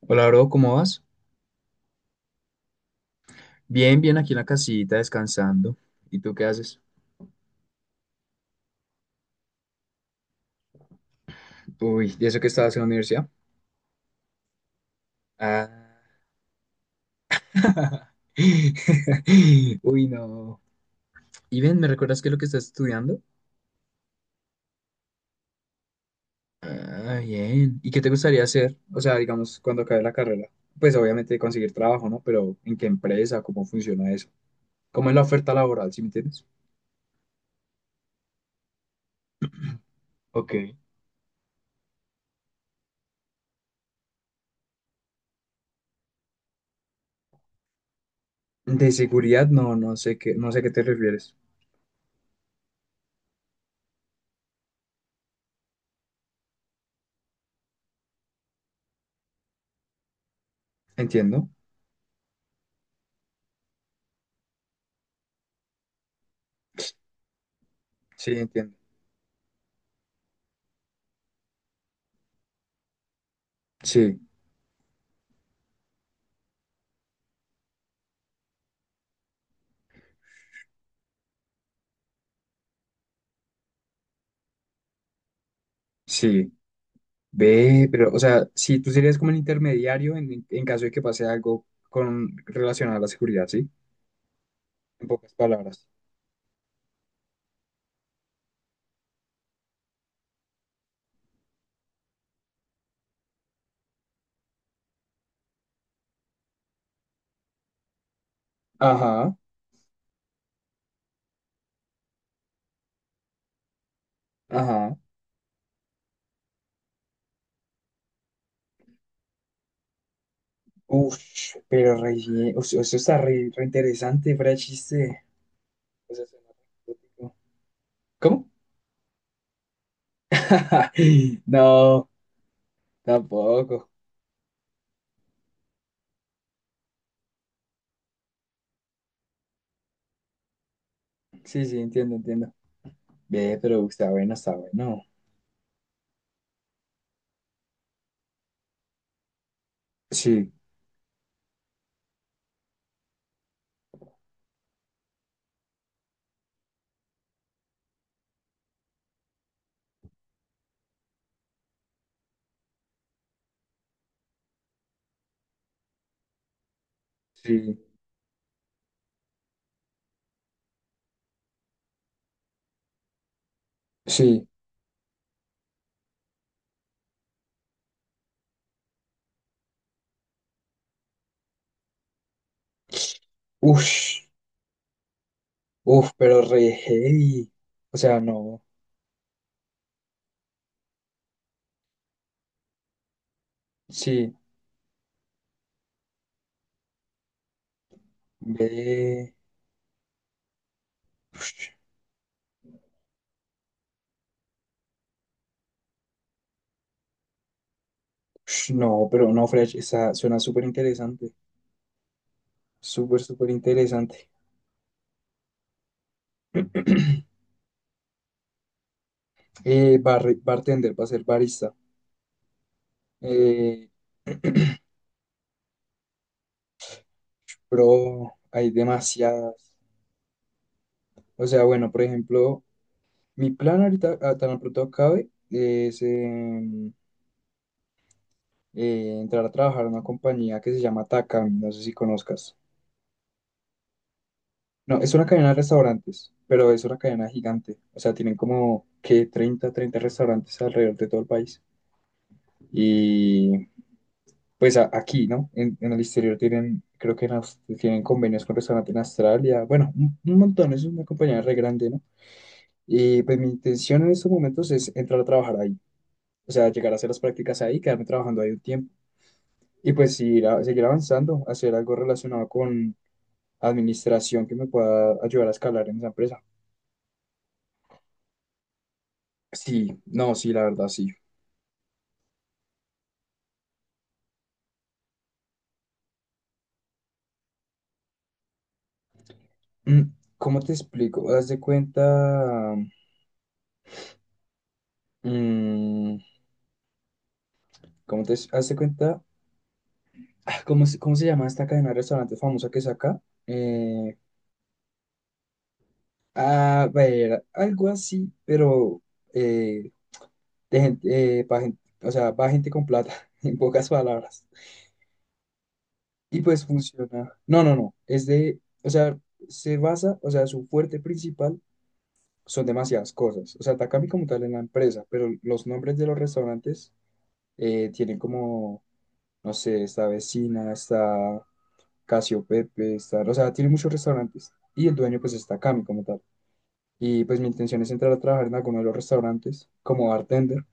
Hola, bro, ¿cómo vas? Bien, bien, aquí en la casita descansando. ¿Y tú qué haces? Uy, ¿y eso que estabas en la universidad? Ah. Uy, no. Y ven, ¿me recuerdas qué es lo que estás estudiando? Ah, bien. ¿Y qué te gustaría hacer? O sea, digamos, cuando acabe la carrera. Pues obviamente conseguir trabajo, ¿no? Pero ¿en qué empresa? ¿Cómo funciona eso? ¿Cómo es la oferta laboral, si me entiendes? Ok. De seguridad, no, no sé qué te refieres. Entiendo. Sí, entiendo. Sí, sí. Ve, pero, o sea, si tú serías como el intermediario en caso de que pase algo con relacionado a la seguridad, ¿sí? En pocas palabras. Ajá, ajá. Uf, pero re, bien, o sea, eso está re interesante, fuera de chiste. O sea, suena re exótico. ¿Cómo? No, tampoco. Sí, sí, entiendo, entiendo. Ve, pero está bueno, está bueno. Sí, sí, sí. Uf, uf, pero re heavy. O sea, no. Sí, ve. Ush, ush, no, pero no, Fresh, esa suena súper interesante. Súper, súper interesante. Bartender, para ser barista. Eh, pero hay demasiadas. O sea, bueno, por ejemplo, mi plan ahorita, tan pronto acabe, es entrar a trabajar en una compañía que se llama Takami, no sé si conozcas. No, es una cadena de restaurantes, pero es una cadena gigante. O sea, tienen como que treinta restaurantes alrededor de todo el país. Y pues, aquí, ¿no? En el exterior tienen, creo que en tienen convenios con restaurantes en Australia, bueno, un montón, es una compañía re grande, ¿no? Y pues mi intención en estos momentos es entrar a trabajar ahí, o sea, llegar a hacer las prácticas ahí, quedarme trabajando ahí un tiempo y pues ir seguir avanzando, hacer algo relacionado con administración que me pueda ayudar a escalar en esa empresa. Sí, no, sí, la verdad, sí. Mm, ¿Cómo te explico? Haz de cuenta, mm, ¿cómo te haz de cuenta? Ah, ¿ cómo se llama esta cadena de restaurantes famosa que es acá? Eh, a ver, algo así, pero eh, de gente, o sea, para gente con plata, en pocas palabras. Y pues funciona. No, no, no. Es de, o sea, se basa, o sea, su fuerte principal son demasiadas cosas. O sea, Takami como tal en la empresa, pero los nombres de los restaurantes tienen como, no sé, esta vecina, esta. Casio Pepe, está, o sea, tiene muchos restaurantes y el dueño pues está Cami como tal. Y pues mi intención es entrar a trabajar en alguno de los restaurantes como bartender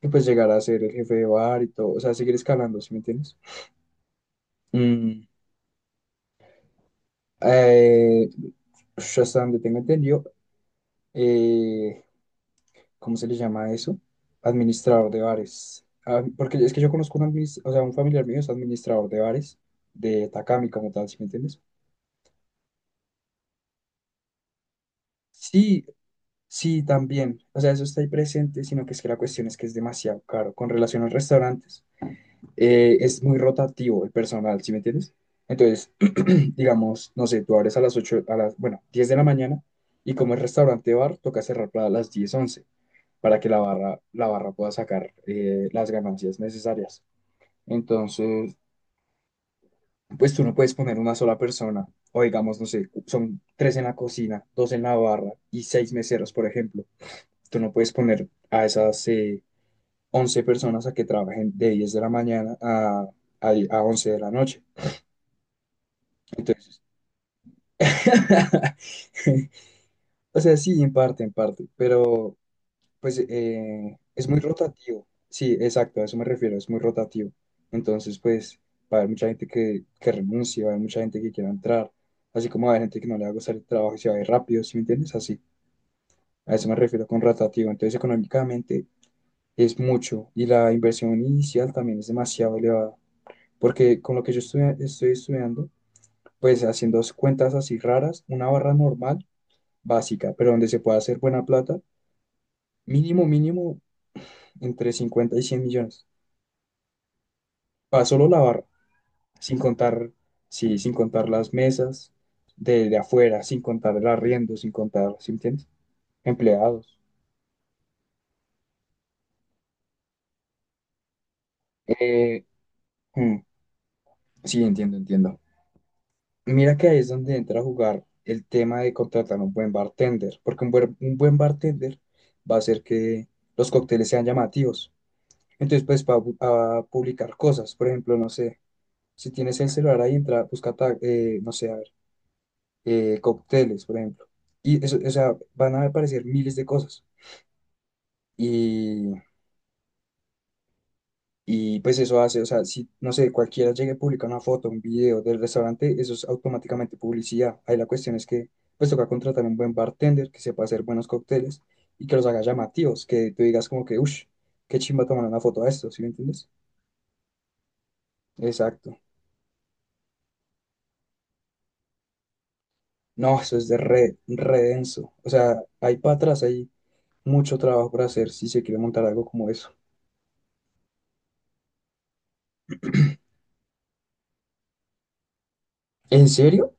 y pues llegar a ser el jefe de bar y todo, o sea, seguir escalando, ¿sí me entiendes? Mm, eh, Ush, hasta donde tengo entendido, eh, ¿cómo se le llama eso? Administrador de bares. Ah, porque es que yo conozco o sea, un familiar mío es administrador de bares de Takami como tal, ¿sí me entiendes? Sí, sí, también. O sea, eso está ahí presente, sino que es que la cuestión es que es demasiado caro. Con relación a los restaurantes, es muy rotativo el personal, ¿sí me entiendes? Entonces, digamos, no sé, tú abres a las, bueno, 10 de la mañana y como es restaurante bar, toca cerrar para las 10 11 para que la barra pueda sacar las ganancias necesarias. Entonces, pues tú no puedes poner una sola persona, o digamos, no sé, son tres en la cocina, dos en la barra y seis meseros, por ejemplo. Tú no puedes poner a esas 11 personas a que trabajen de 10 de la mañana a 11 de la noche. Entonces, o sea, sí, en parte, pero pues es muy rotativo. Sí, exacto, a eso me refiero, es muy rotativo. Entonces, pues, va a haber mucha gente que renuncie, va a haber mucha gente que quiera entrar, así como va a haber gente que no le va a gustar el trabajo y se va a ir rápido, ¿sí me entiendes? Así, a eso me refiero con rotativo. Entonces, económicamente es mucho y la inversión inicial también es demasiado elevada. Porque con lo que yo estoy estudiando, pues haciendo cuentas así raras, una barra normal, básica, pero donde se puede hacer buena plata, mínimo, mínimo, entre 50 y 100 millones. Para solo la barra, sin contar, sí, sin contar las mesas de afuera, sin contar el arriendo, sin contar, ¿sí me entiendes? Empleados. Eh, mm, sí, entiendo, entiendo. Mira que ahí es donde entra a jugar el tema de contratar un buen bartender, porque un buen bartender va a hacer que los cócteles sean llamativos. Entonces, pues, va a publicar cosas. Por ejemplo, no sé, si tienes el celular ahí, entra, busca, no sé, a ver, cócteles, por ejemplo. Y eso, o sea, van a aparecer miles de cosas. Y pues eso hace, o sea, si, no sé, cualquiera llegue y publica una foto, un video del restaurante, eso es automáticamente publicidad. Ahí la cuestión es que, pues toca contratar un buen bartender que sepa hacer buenos cócteles y que los haga llamativos, que tú digas como que, uff, qué chimba tomar una foto a esto, ¿sí me entiendes? Exacto. No, eso es de re denso. O sea, hay para atrás, hay mucho trabajo por hacer si se quiere montar algo como eso. ¿En serio?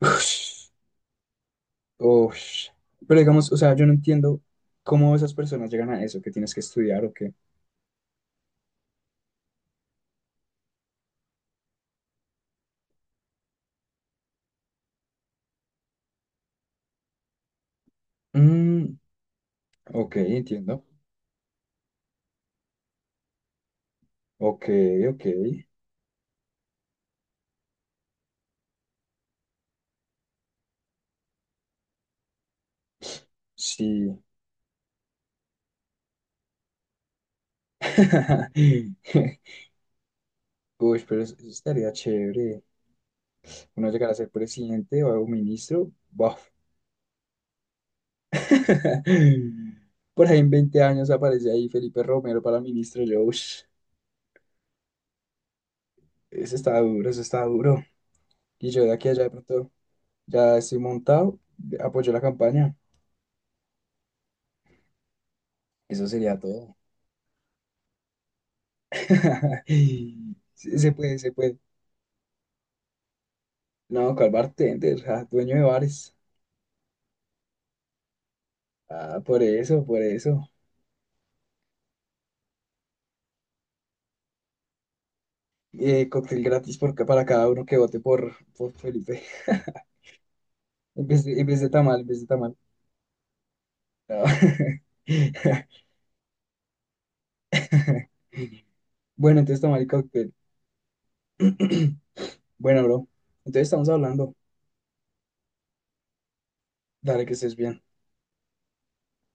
Ush, ush. Pero digamos, o sea, yo no entiendo cómo esas personas llegan a eso, que tienes que estudiar o qué. Mm, ok, entiendo. Ok, ok. Sí. Uy, pero eso estaría chévere. Uno llegar a ser presidente o algún ministro. Buf. Por ahí en 20 años aparece ahí Felipe Romero para ministro. Yo, ush, eso está duro, eso está duro. Y yo de aquí a allá de pronto ya estoy montado, apoyo la campaña. Eso sería todo. Sí, se puede, se puede. No, ¿cuál bartender? Ah, dueño de bares. Ah, por eso, por eso. Cóctel gratis para cada uno que vote por Felipe. En vez de tamal, en vez de tamal. No. Bueno, entonces tamal y cóctel. Bueno, bro. Entonces estamos hablando. Dale, que estés bien.